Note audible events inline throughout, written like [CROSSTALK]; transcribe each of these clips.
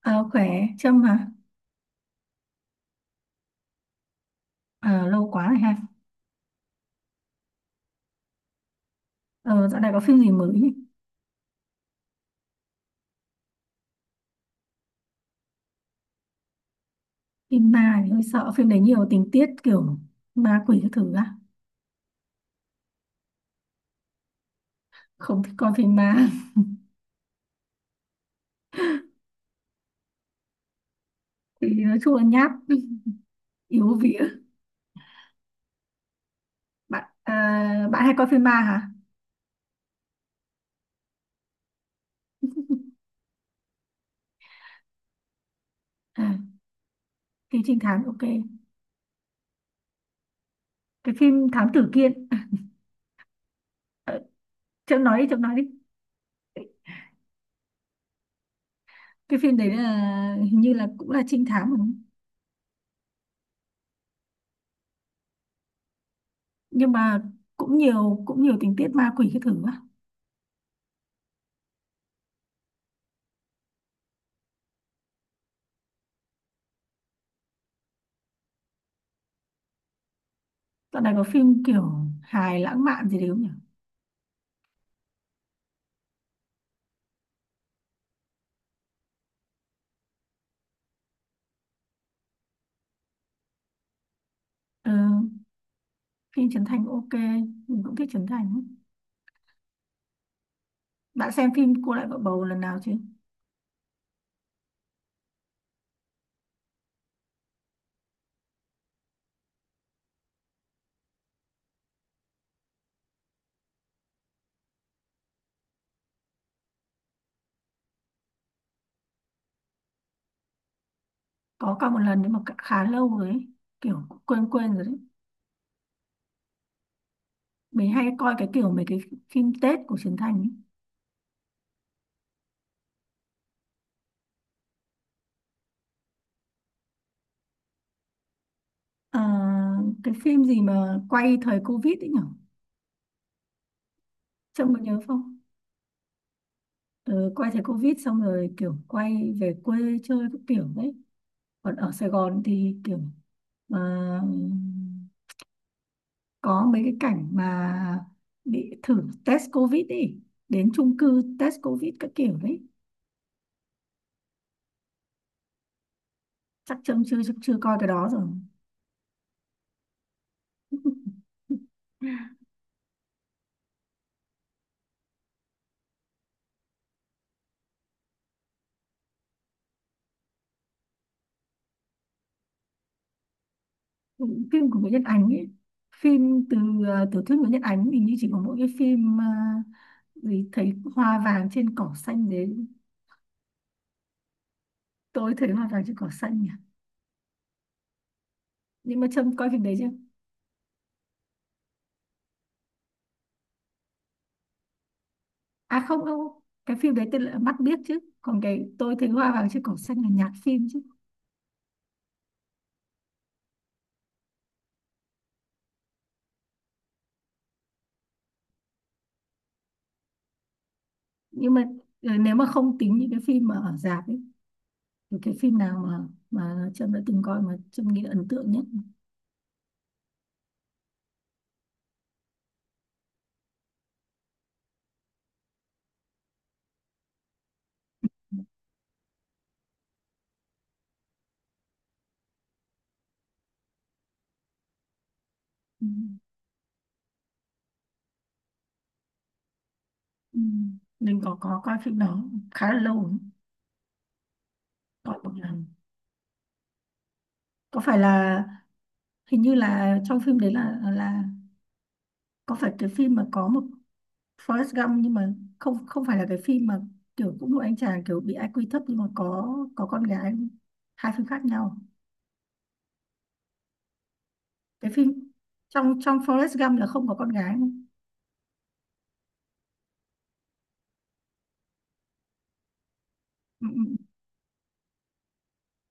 Ờ, Khỏe. Trâm hả? Ờ, Lâu quá rồi ha. Ờ, Dạo này có phim gì mới nhỉ? Phim ma thì hơi sợ, phim đấy nhiều tình tiết kiểu ma quỷ các thứ á. Không thích coi phim ma. [LAUGHS] Thì nói chung là nhát, yếu vía. Bạn à, bạn hay coi phim ma hả? À, phim trinh thám ok. Cái phim thám tử kiên. ờ, Trâm nói đi, Trâm nói đi. Cái phim đấy là hình như là cũng là trinh thám đúng không? Nhưng mà cũng nhiều tình tiết ma quỷ các thứ á. Dạo này có phim kiểu hài lãng mạn gì đấy không nhỉ? Ờ, phim Trấn Thành ok, mình cũng thích Trấn Thành ấy. Bạn xem phim Cô Lại Vợ Bầu lần nào chưa? Có cả một lần nhưng mà khá lâu rồi ấy. Kiểu quên quên rồi đấy. Mình hay coi cái kiểu mấy cái phim Tết của Trấn Thành ấy. À, cái phim gì mà quay thời Covid ấy nhở? Trông có nhớ không? Ừ, quay thời Covid xong rồi kiểu quay về quê chơi các kiểu đấy. Còn ở Sài Gòn thì kiểu à, có mấy cái cảnh mà bị thử test covid, đi đến chung cư test covid các kiểu đấy. Chắc chấm chưa chắc chưa coi cái đó rồi. [LAUGHS] Phim của Nguyễn Nhật Ánh ấy, phim từ tiểu thuyết Nguyễn Nhật Ánh thì như chỉ có mỗi cái phim gì, thấy hoa vàng trên cỏ xanh đấy. Tôi thấy hoa vàng trên cỏ xanh nhỉ. Nhưng mà Trâm coi phim đấy chưa? À, không không, cái phim đấy tên là mắt biết chứ, còn cái tôi thấy hoa vàng trên cỏ xanh là nhạc phim chứ. Nhưng mà nếu mà không tính những cái phim mà ở rạp ấy, thì cái phim nào mà Trâm đã từng coi mà Trâm nghĩ ấn tượng nhất? Ừ. Ừ. Mình có coi phim đó khá là lâu rồi. Coi một lần. Có phải là, hình như là trong phim đấy là có phải cái phim mà có một Forrest Gump, nhưng mà không không phải là cái phim mà kiểu cũng một anh chàng kiểu bị IQ thấp nhưng mà có con gái không? Hai phim khác nhau. Cái phim, trong trong Forrest Gump là không có con gái không? Ừ.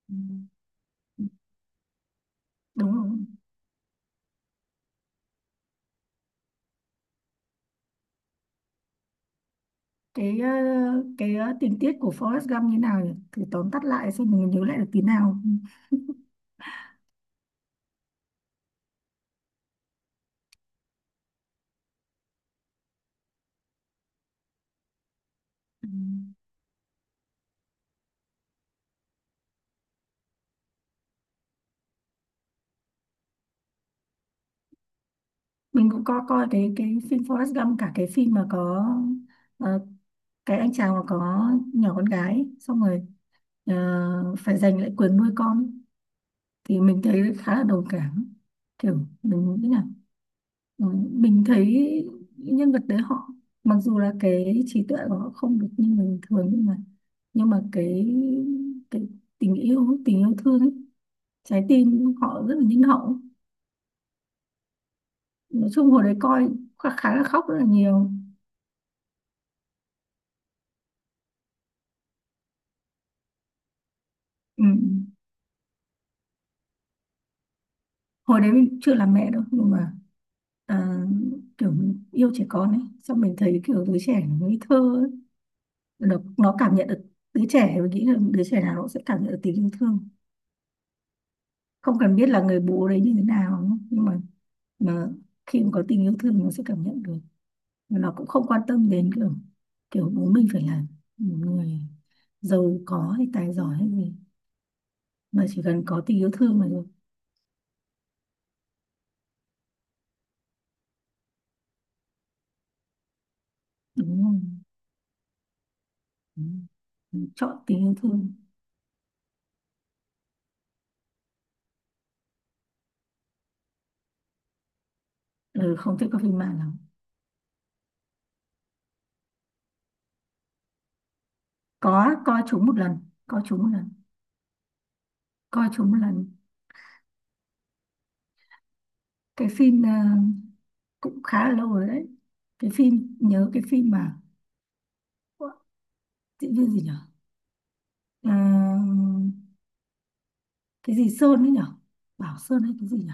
Ừ, ừ. Đúng rồi. Cái cái tình tiết của Forrest Gump như nào nhỉ? Thử tóm tắt lại xem mình nhớ lại được tí nào. Ừ. Mình cũng có coi cái phim Forrest Gump, cả cái phim mà có ờ, cái anh chàng mà có nhỏ con gái ấy, xong rồi phải giành lại quyền nuôi con, thì mình thấy khá là đồng cảm. Kiểu mình nghĩ là, ừ, mình thấy những nhân vật đấy họ, mặc dù là cái trí tuệ của họ không được như người bình thường nhưng mà, nhưng mà cái tình yêu, tình yêu thương ấy, trái tim họ rất là nhân hậu. Nói chung hồi đấy coi khá, là khóc rất là nhiều. Ừ. Hồi đấy mình chưa làm mẹ đâu nhưng mà à, kiểu mình yêu trẻ con ấy, xong mình thấy kiểu đứa trẻ nó ngây thơ ấy. Nó cảm nhận được, đứa trẻ mình nghĩ là đứa trẻ nào nó sẽ cảm nhận được tình yêu thương. Không cần biết là người bố đấy như thế nào nhưng mà khi mà có tình yêu thương nó sẽ cảm nhận được. Và nó cũng không quan tâm đến kiểu, kiểu bố mình phải là một người giàu có hay tài giỏi hay gì, mà chỉ cần có tình yêu thương là được. Đúng không? Đúng. Chọn tình yêu thương. Ừ, không thích coi phim ma lắm. Có coi chúng một lần. Coi chúng một lần. Coi chúng một lần. Cái phim cũng khá là lâu rồi đấy. Cái phim, nhớ cái phim mà, ủa, diễn viên gì nhở? À, cái gì Sơn ấy nhở, Bảo Sơn hay cái gì nhở,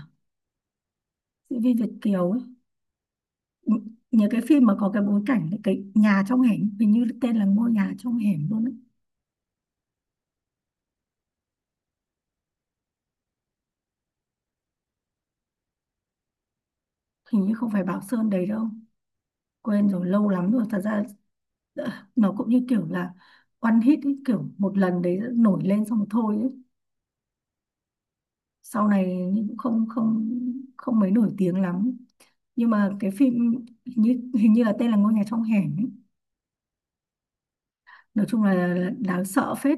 diễn viên Việt kiều ấy. Nhớ cái phim mà có cái bối cảnh cái nhà trong hẻm, hình như tên là ngôi nhà trong hẻm luôn ấy. Hình như không phải Bảo Sơn đấy đâu. Quên rồi, lâu lắm rồi thật ra. Dạ, nó cũng như kiểu là one hit ấy, kiểu một lần đấy nổi lên xong thôi ấy. Sau này cũng không không không mấy nổi tiếng lắm. Nhưng mà cái phim hình như là tên là ngôi nhà trong hẻm ấy. Nói chung là, đáng sợ phết.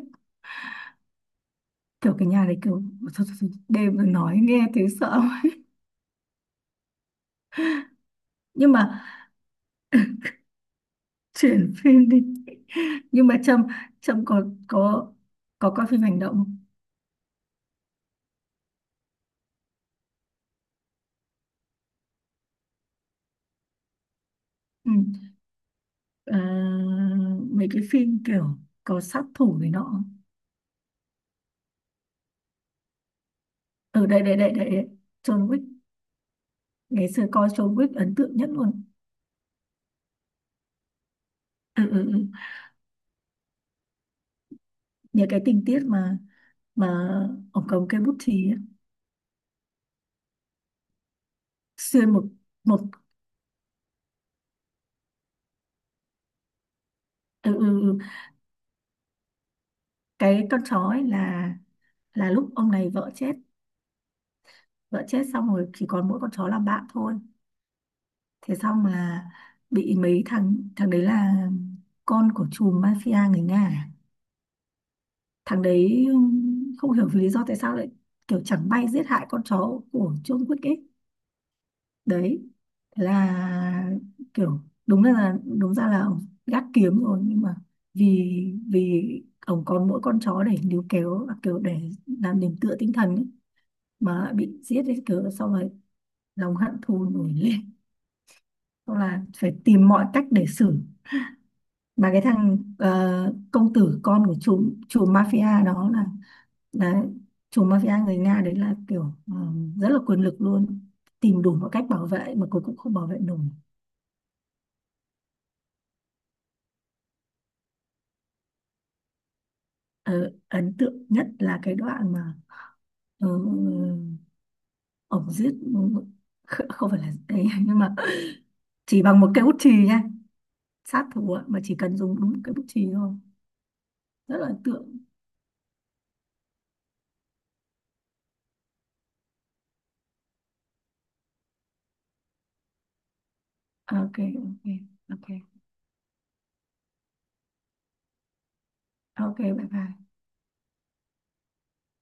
Kiểu cái nhà đấy kiểu thôi, thôi, thôi, đêm rồi nói nghe thấy sợ. [LAUGHS] Nhưng mà chuyển phim đi. [LAUGHS] Nhưng mà Trâm, Trâm có coi phim hành động không? Ừ. À, mấy cái phim kiểu có sát thủ này nọ. Ừ, đây đây đây đây đây. John Wick. Ngày xưa coi John Wick ấn tượng nhất luôn. Ừ. Nhớ cái tình tiết mà ông cầm cây bút chì ấy, xuyên một, một, ừ. Cái con chó ấy là lúc ông này vợ chết, vợ chết xong rồi chỉ còn mỗi con chó làm bạn thôi. Thế xong là bị mấy thằng, thằng đấy là con của chùm mafia người Nga à? Thằng đấy không hiểu vì lý do tại sao lại kiểu chẳng may giết hại con chó của John Wick ấy. Đấy, thế là kiểu, đúng là đúng ra là ông gác kiếm rồi nhưng mà vì vì ông còn mỗi con chó để níu kéo, à, kiểu để làm điểm tựa tinh thần ấy, mà bị giết ấy, kiểu xong rồi lòng hận thù nổi lên, xong là phải tìm mọi cách để xử. Mà cái thằng công tử con của chủ chủ mafia đó là chủ mafia người Nga đấy là kiểu ờ, rất là quyền lực luôn, tìm đủ mọi cách bảo vệ mà cuối cùng không bảo vệ nổi. Ờ, ấn tượng nhất là cái đoạn mà ờ, ổng giết, không phải là đấy [LAUGHS] nhưng mà chỉ bằng một cây bút chì nha. Sát thủ ạ, mà chỉ cần dùng đúng một cây bút chì thôi. Rất là ấn tượng. Ok. Ok. Ok. Ok, bye bye.